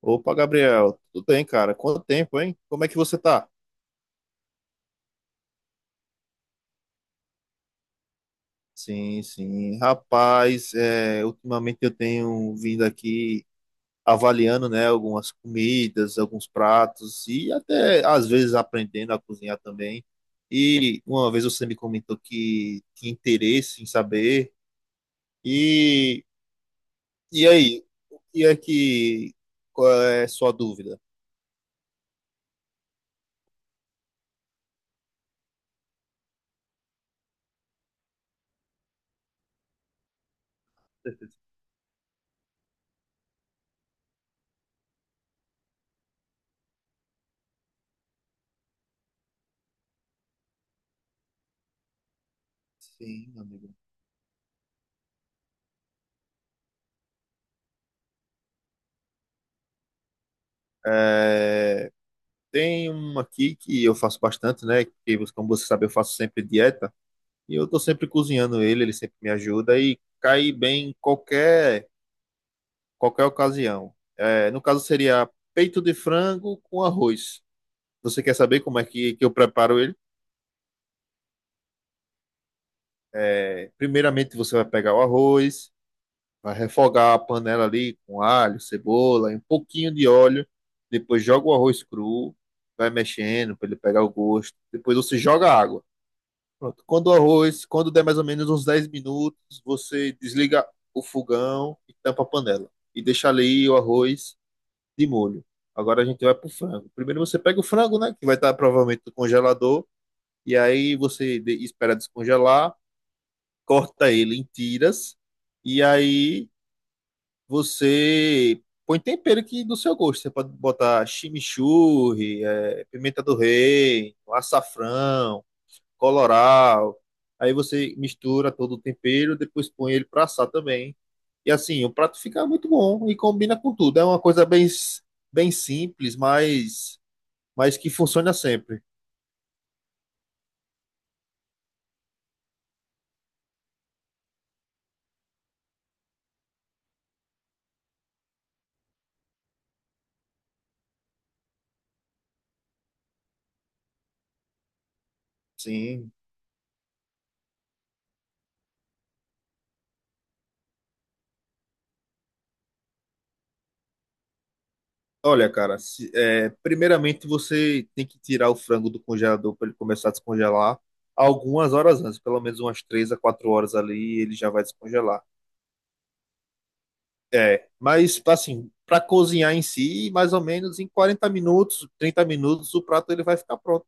Opa, Gabriel, tudo bem, cara? Quanto tempo, hein? Como é que você tá? Sim, sim. Rapaz, ultimamente eu tenho vindo aqui avaliando, né, algumas comidas, alguns pratos e até às vezes aprendendo a cozinhar também. E uma vez você me comentou que tinha interesse em saber. E, e aí, o que é que, qual é a sua dúvida? Sim, amigo. Tem uma aqui que eu faço bastante, né? Que, como você sabe, eu faço sempre dieta. E eu tô sempre cozinhando ele sempre me ajuda e cai bem em qualquer ocasião. No caso, seria peito de frango com arroz. Você quer saber como é que eu preparo ele? Primeiramente, você vai pegar o arroz, vai refogar a panela ali com alho, cebola, e um pouquinho de óleo. Depois, joga o arroz cru, vai mexendo para ele pegar o gosto. Depois, você joga água. Pronto. Quando o arroz, quando der mais ou menos uns 10 minutos, você desliga o fogão e tampa a panela. E deixa ali o arroz de molho. Agora a gente vai pro frango. Primeiro você pega o frango, né? Que vai estar provavelmente no congelador. E aí você espera descongelar, corta ele em tiras. E aí você põe tempero que do seu gosto. Você pode botar chimichurri, pimenta do reino, açafrão coloral. Aí você mistura todo o tempero, depois põe ele para assar também. E assim, o prato fica muito bom e combina com tudo. É uma coisa bem, bem simples, mas que funciona sempre. Sim. Olha, cara, primeiramente você tem que tirar o frango do congelador para ele começar a descongelar algumas horas antes, pelo menos umas 3 a 4 horas ali, ele já vai descongelar. Mas assim, para cozinhar em si, mais ou menos em 40 minutos, 30 minutos, o prato ele vai ficar pronto,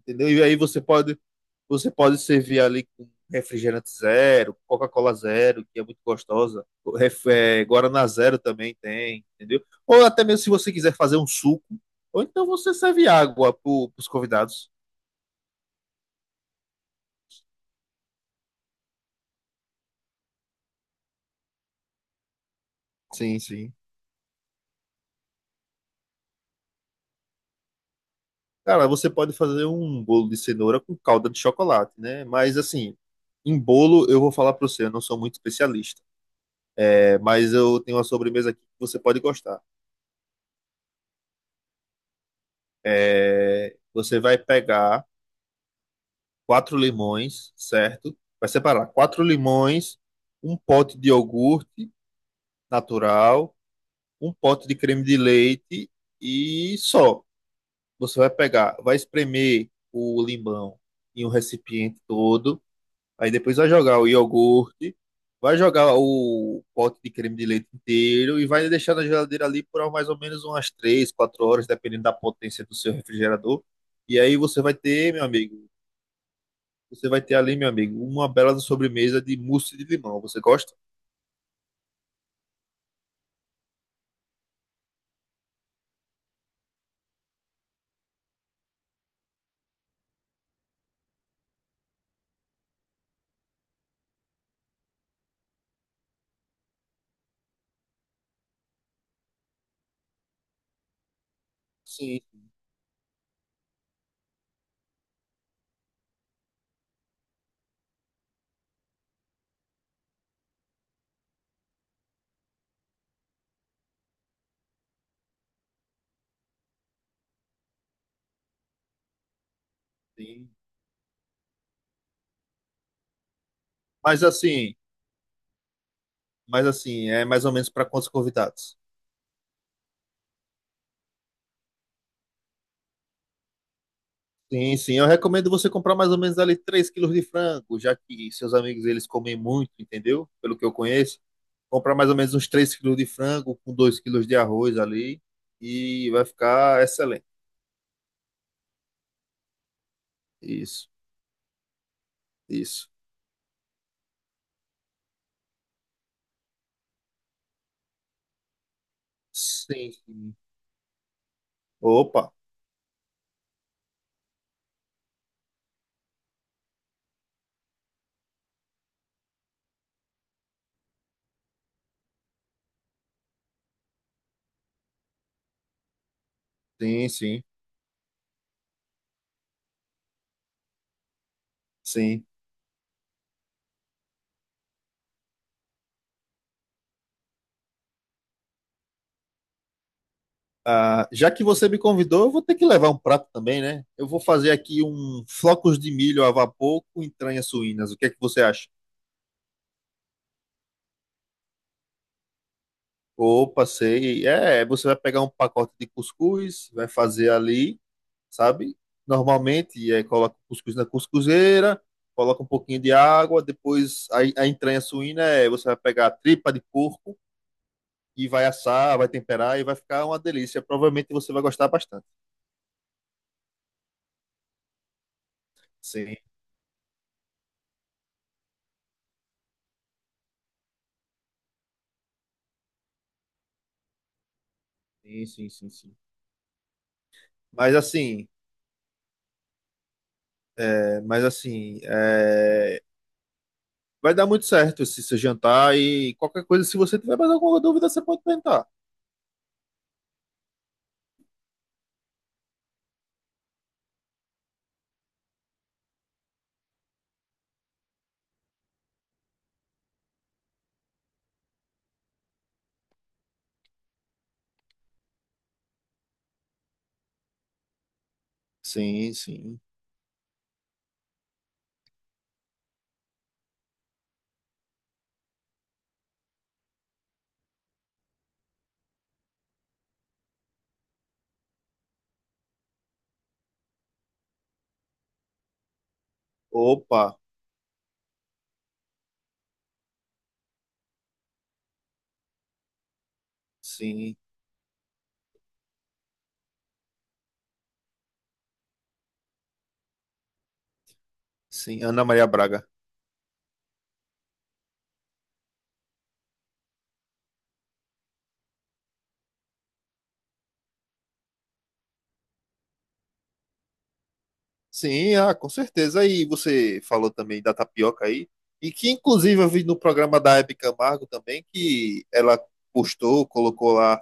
entendeu? E aí você pode servir ali com refrigerante zero, Coca-Cola zero, que é muito gostosa, Guaraná zero também tem, entendeu? Ou até mesmo se você quiser fazer um suco, ou então você serve água para os convidados. Sim, sim. Cara, você pode fazer um bolo de cenoura com calda de chocolate, né? Mas assim, em bolo eu vou falar para você, eu não sou muito especialista. Mas eu tenho uma sobremesa aqui que você pode gostar. Você vai pegar 4 limões, certo? Vai separar 4 limões, um pote de iogurte natural, um pote de creme de leite e só. Você vai pegar, vai espremer o limão em um recipiente todo. Aí depois vai jogar o iogurte, vai jogar o pote de creme de leite inteiro e vai deixar na geladeira ali por mais ou menos umas 3, 4 horas, dependendo da potência do seu refrigerador. E aí você vai ter, meu amigo, você vai ter ali, meu amigo, uma bela sobremesa de mousse de limão. Você gosta? Sim, sim. Mas assim, mas assim, é mais ou menos para quantos convidados? Sim, sim. Eu recomendo você comprar mais ou menos ali 3 quilos de frango, já que seus amigos eles comem muito, entendeu? Pelo que eu conheço. Comprar mais ou menos uns 3 quilos de frango com 2 quilos de arroz ali e vai ficar excelente. Isso, isso. Sim, sim. Opa, sim, sim, sim. Ah, já que você me convidou, eu vou ter que levar um prato também, né? Eu vou fazer aqui um flocos de milho a vapor com entranhas suínas. O que é que você acha? Ou passei. É, você vai pegar um pacote de cuscuz, vai fazer ali, sabe? Normalmente, coloca o cuscuz na cuscuzeira, coloca um pouquinho de água, depois a entranha suína você vai pegar a tripa de porco e vai assar, vai temperar e vai ficar uma delícia. Provavelmente você vai gostar bastante. Sim, sim, sim, sim, sim. Mas assim, mas assim, vai dar muito certo esse seu jantar e qualquer coisa, se você tiver mais alguma dúvida, você pode perguntar. Sim, sim. Opa, sim, sim. Ana Maria Braga. Sim, ah, com certeza. Aí você falou também da tapioca aí, e que inclusive eu vi no programa da Hebe Camargo também, que ela postou, colocou lá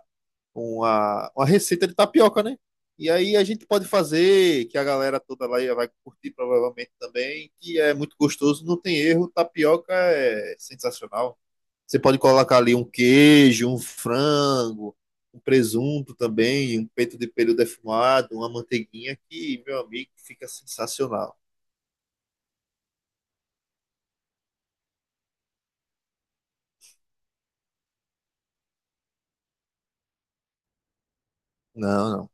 uma receita de tapioca, né? E aí a gente pode fazer, que a galera toda lá vai curtir provavelmente também, que é muito gostoso, não tem erro, tapioca é sensacional. Você pode colocar ali um queijo, um frango, um presunto também, um peito de peru defumado, uma manteiguinha que, meu amigo, fica sensacional. Não, não.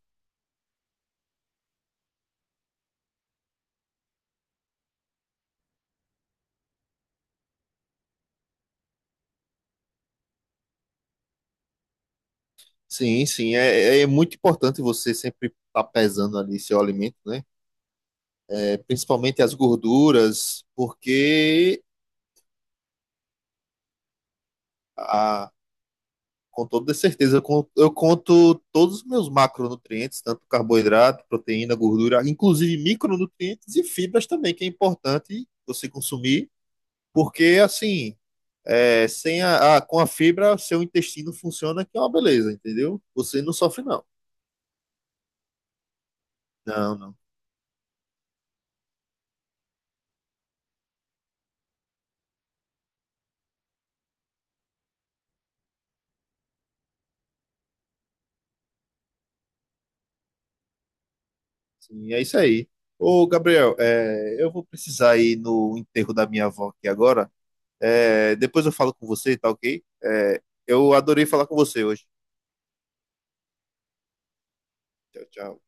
Sim, sim, é, é muito importante você sempre estar pesando ali seu alimento, né? Principalmente as gorduras, porque a, com toda certeza. Eu conto todos os meus macronutrientes, tanto carboidrato, proteína, gordura, inclusive micronutrientes e fibras também, que é importante você consumir, porque assim, sem com a fibra, seu intestino funciona, que é uma beleza, entendeu? Você não sofre, não. Não, não. Sim, é isso aí. Ô, Gabriel, eu vou precisar ir no enterro da minha avó aqui agora. Depois eu falo com você, tá ok? Eu adorei falar com você hoje. Tchau, tchau.